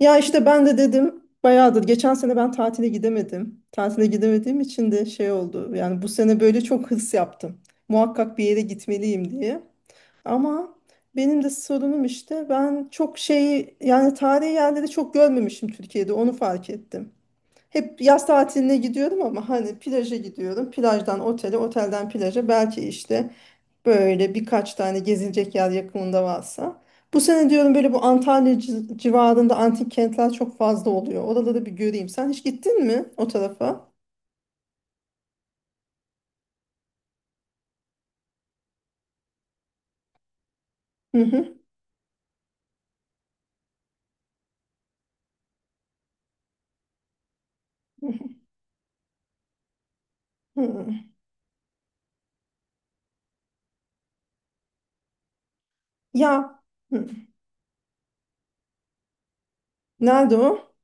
Ya işte ben de dedim bayağıdır. Geçen sene ben tatile gidemedim. Tatile gidemediğim için de şey oldu. Yani bu sene böyle çok hırs yaptım. Muhakkak bir yere gitmeliyim diye. Ama benim de sorunum işte ben çok şeyi yani tarihi yerleri çok görmemişim Türkiye'de onu fark ettim. Hep yaz tatiline gidiyorum ama hani plaja gidiyorum. Plajdan otele, otelden plaja belki işte. Böyle birkaç tane gezilecek yer yakınında varsa. Bu sene diyorum böyle bu Antalya civarında antik kentler çok fazla oluyor. Oraları bir göreyim. Sen hiç gittin mi o tarafa? Hı hı. Hı. Ya. Hı. Nerede o?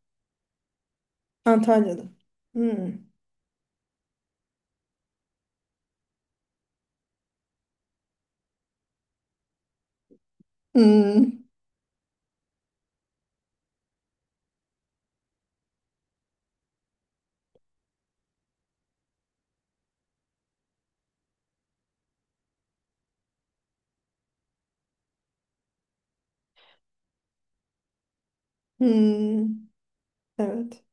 Antalya'da. Hı. Hı. Hı. Evet.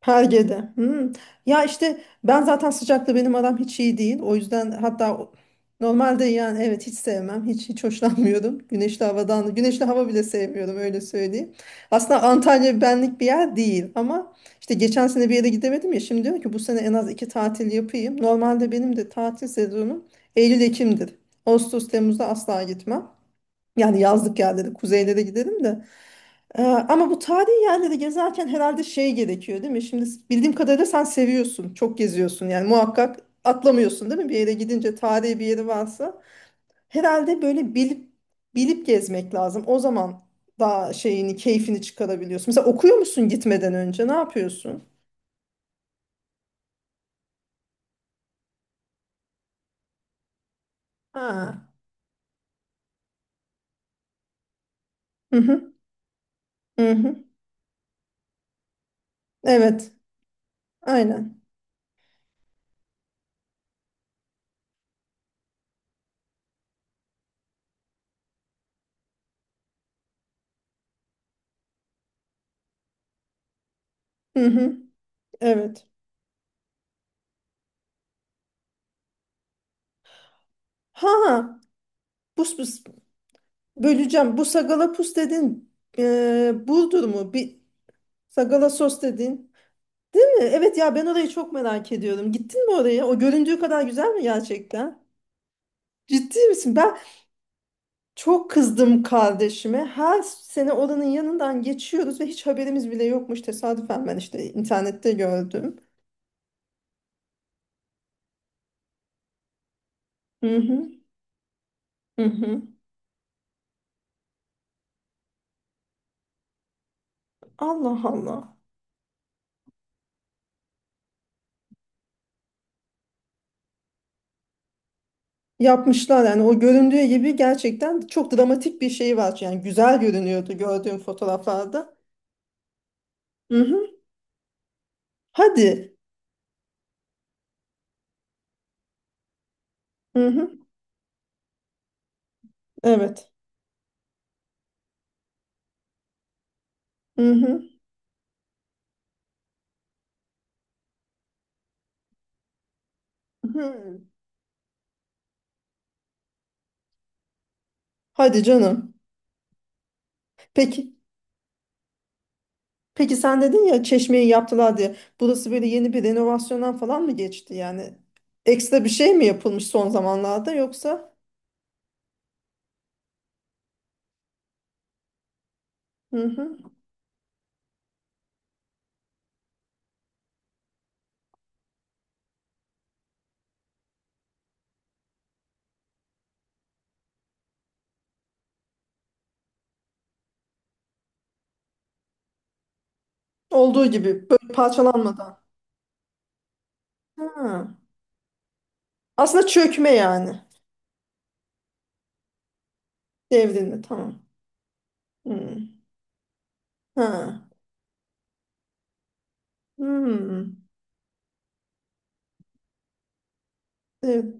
Perge'de. Hmm. Ya işte ben zaten sıcakta benim aram hiç iyi değil. O yüzden hatta normalde yani evet hiç sevmem. Hiç hoşlanmıyorum. Güneşli havadan. Güneşli hava bile sevmiyorum öyle söyleyeyim. Aslında Antalya benlik bir yer değil ama işte geçen sene bir yere gidemedim ya. Şimdi diyorum ki bu sene en az iki tatil yapayım. Normalde benim de tatil sezonum Eylül-Ekim'dir. Ağustos, Temmuz'da asla gitmem. Yani yazlık yerlere, kuzeylere giderim de. Ama bu tarihi yerleri gezerken herhalde şey gerekiyor değil mi? Şimdi bildiğim kadarıyla sen seviyorsun, çok geziyorsun yani muhakkak atlamıyorsun değil mi? Bir yere gidince tarihi bir yeri varsa herhalde böyle bilip bilip gezmek lazım. O zaman daha şeyini, keyfini çıkarabiliyorsun. Mesela okuyor musun gitmeden önce? Ne yapıyorsun? Ha. Hı hı. Hı hı. Evet. Aynen. Hı hı. Evet. Ha. Ha. Bus bus. Böleceğim. Bu sagalapus dedin. Burdur mu? Bir. Sagala sos dedin. Değil mi? Evet ya ben orayı çok merak ediyorum. Gittin mi oraya? O göründüğü kadar güzel mi gerçekten? Ciddi misin? Ben çok kızdım kardeşime. Her sene oranın yanından geçiyoruz ve hiç haberimiz bile yokmuş. Tesadüfen ben işte internette gördüm. Hı hı. Hı hı. Allah Allah. Yapmışlar yani o göründüğü gibi gerçekten çok dramatik bir şey var. Yani güzel görünüyordu gördüğüm fotoğraflarda. Hı hı. Hadi. Hı hı. Evet. Hı hı. Hı. Hadi canım. Peki. Peki sen dedin ya çeşmeyi yaptılar diye. Burası böyle yeni bir renovasyondan falan mı geçti yani? Ekstra bir şey mi yapılmış son zamanlarda yoksa? Hı hı. Olduğu gibi böyle parçalanmadan. Ha. Aslında çökme yani. Devrilme tamam. Hı. Ha. Hı. Evet.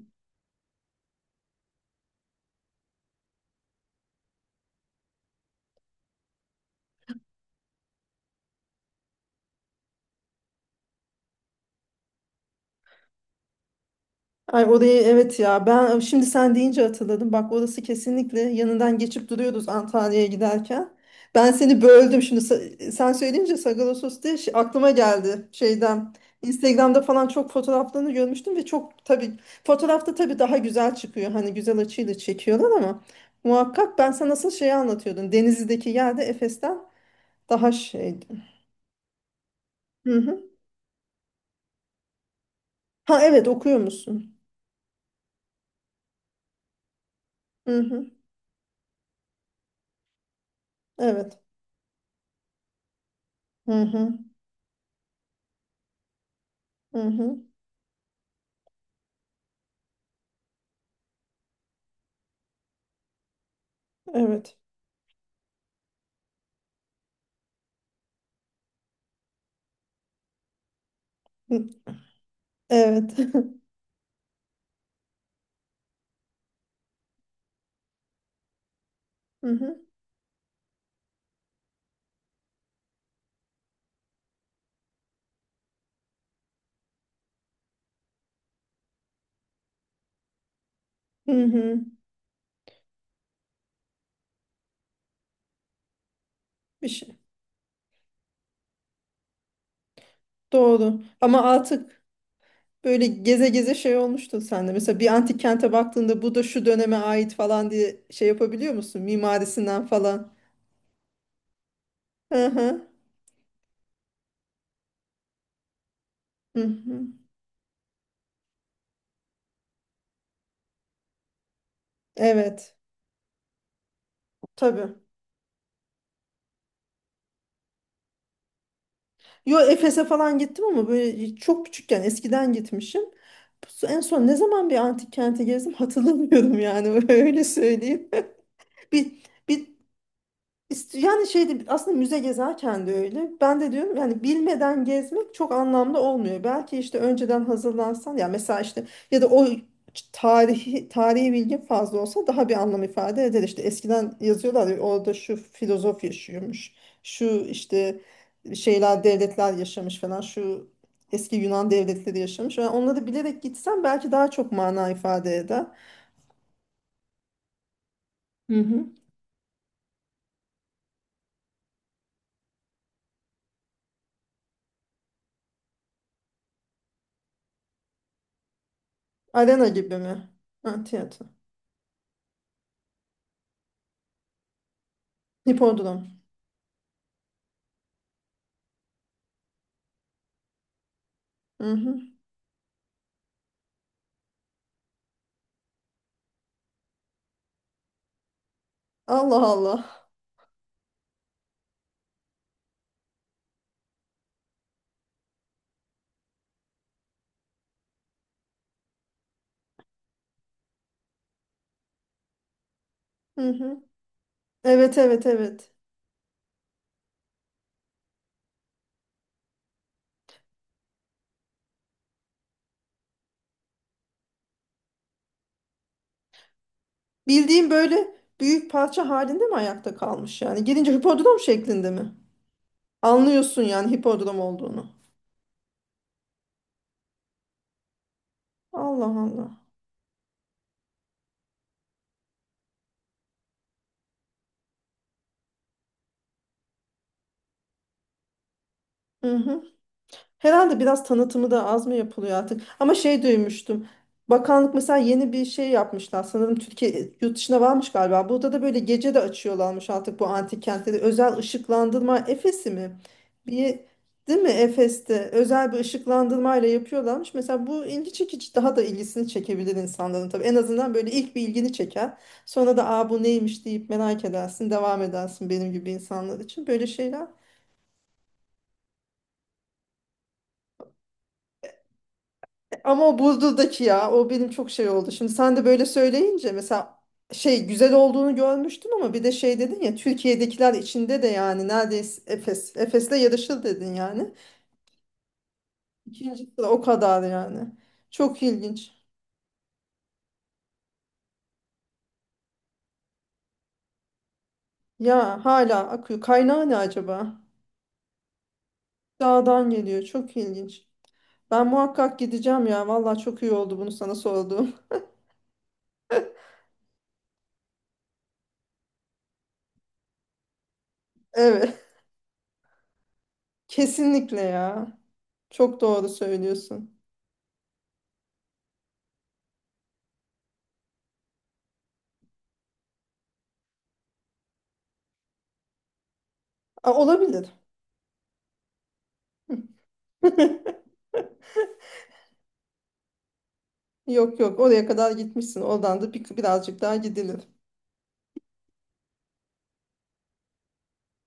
Ay orayı evet ya ben şimdi sen deyince hatırladım. Bak orası kesinlikle yanından geçip duruyoruz Antalya'ya giderken. Ben seni böldüm şimdi sen söyleyince Sagalassos diye aklıma geldi şeyden. Instagram'da falan çok fotoğraflarını görmüştüm ve çok tabii fotoğrafta tabii daha güzel çıkıyor. Hani güzel açıyla çekiyorlar ama muhakkak ben sana nasıl şeyi anlatıyordum. Denizli'deki yerde Efes'ten daha şeydi. Hı hı. Ha evet okuyor musun? Hı hı. Evet. Hı hı. Hı hı. Evet. Evet. Hı hı. Hı hı. Bir şey. Doğru. Ama artık böyle geze geze şey olmuştu sende. Mesela bir antik kente baktığında bu da şu döneme ait falan diye şey yapabiliyor musun? Mimarisinden falan. Hı hı. Hı hı. Evet. Tabii. Yo Efes'e falan gittim ama böyle çok küçükken eskiden gitmişim. En son ne zaman bir antik kente gezdim hatırlamıyorum yani öyle söyleyeyim. Bir, bir Yani şeydi aslında müze gezerken de öyle. Ben de diyorum yani bilmeden gezmek çok anlamlı olmuyor. Belki işte önceden hazırlansan ya mesela işte ya da o tarihi bilgin fazla olsa daha bir anlam ifade eder. İşte eskiden yazıyorlar ya, orada şu filozof yaşıyormuş. Şu işte şeyler devletler yaşamış falan. Şu eski Yunan devletleri yaşamış. Yani onları bilerek gitsen belki daha çok mana ifade eder. Hı hı. Arena gibi mi? Ha, tiyatro. Hipodrom. Hı hı. Allah Allah. Hı hı. Evet evet evet. Bildiğim böyle büyük parça halinde mi ayakta kalmış yani? Gelince hipodrom şeklinde mi? Anlıyorsun yani hipodrom olduğunu. Allah Allah. Hı hı. Herhalde biraz tanıtımı da az mı yapılıyor artık? Ama şey duymuştum. Bakanlık mesela yeni bir şey yapmışlar. Sanırım Türkiye yurt dışına varmış galiba. Burada da böyle gece de açıyorlarmış artık bu antik kentleri. Özel ışıklandırma Efes'i mi? Bir, değil mi Efes'te özel bir ışıklandırmayla yapıyorlarmış. Mesela bu ilgi çekici daha da ilgisini çekebilir insanların tabii. En azından böyle ilk bir ilgini çeker. Sonra da aa bu neymiş deyip merak edersin, devam edersin benim gibi insanlar için. Böyle şeyler. Ama o buzduzdaki ya o benim çok şey oldu. Şimdi sen de böyle söyleyince mesela şey güzel olduğunu görmüştüm ama bir de şey dedin ya Türkiye'dekiler içinde de yani neredeyse Efes. Efes'le yarışır dedin yani. İkinci sıra o kadar yani. Çok ilginç. Ya hala akıyor. Kaynağı ne acaba? Dağdan geliyor. Çok ilginç. Ben muhakkak gideceğim ya. Vallahi çok iyi oldu bunu sana sorduğum. Evet. Kesinlikle ya. Çok doğru söylüyorsun. Aa, olabilir. Yok yok oraya kadar gitmişsin. Oradan da birazcık daha gidilir.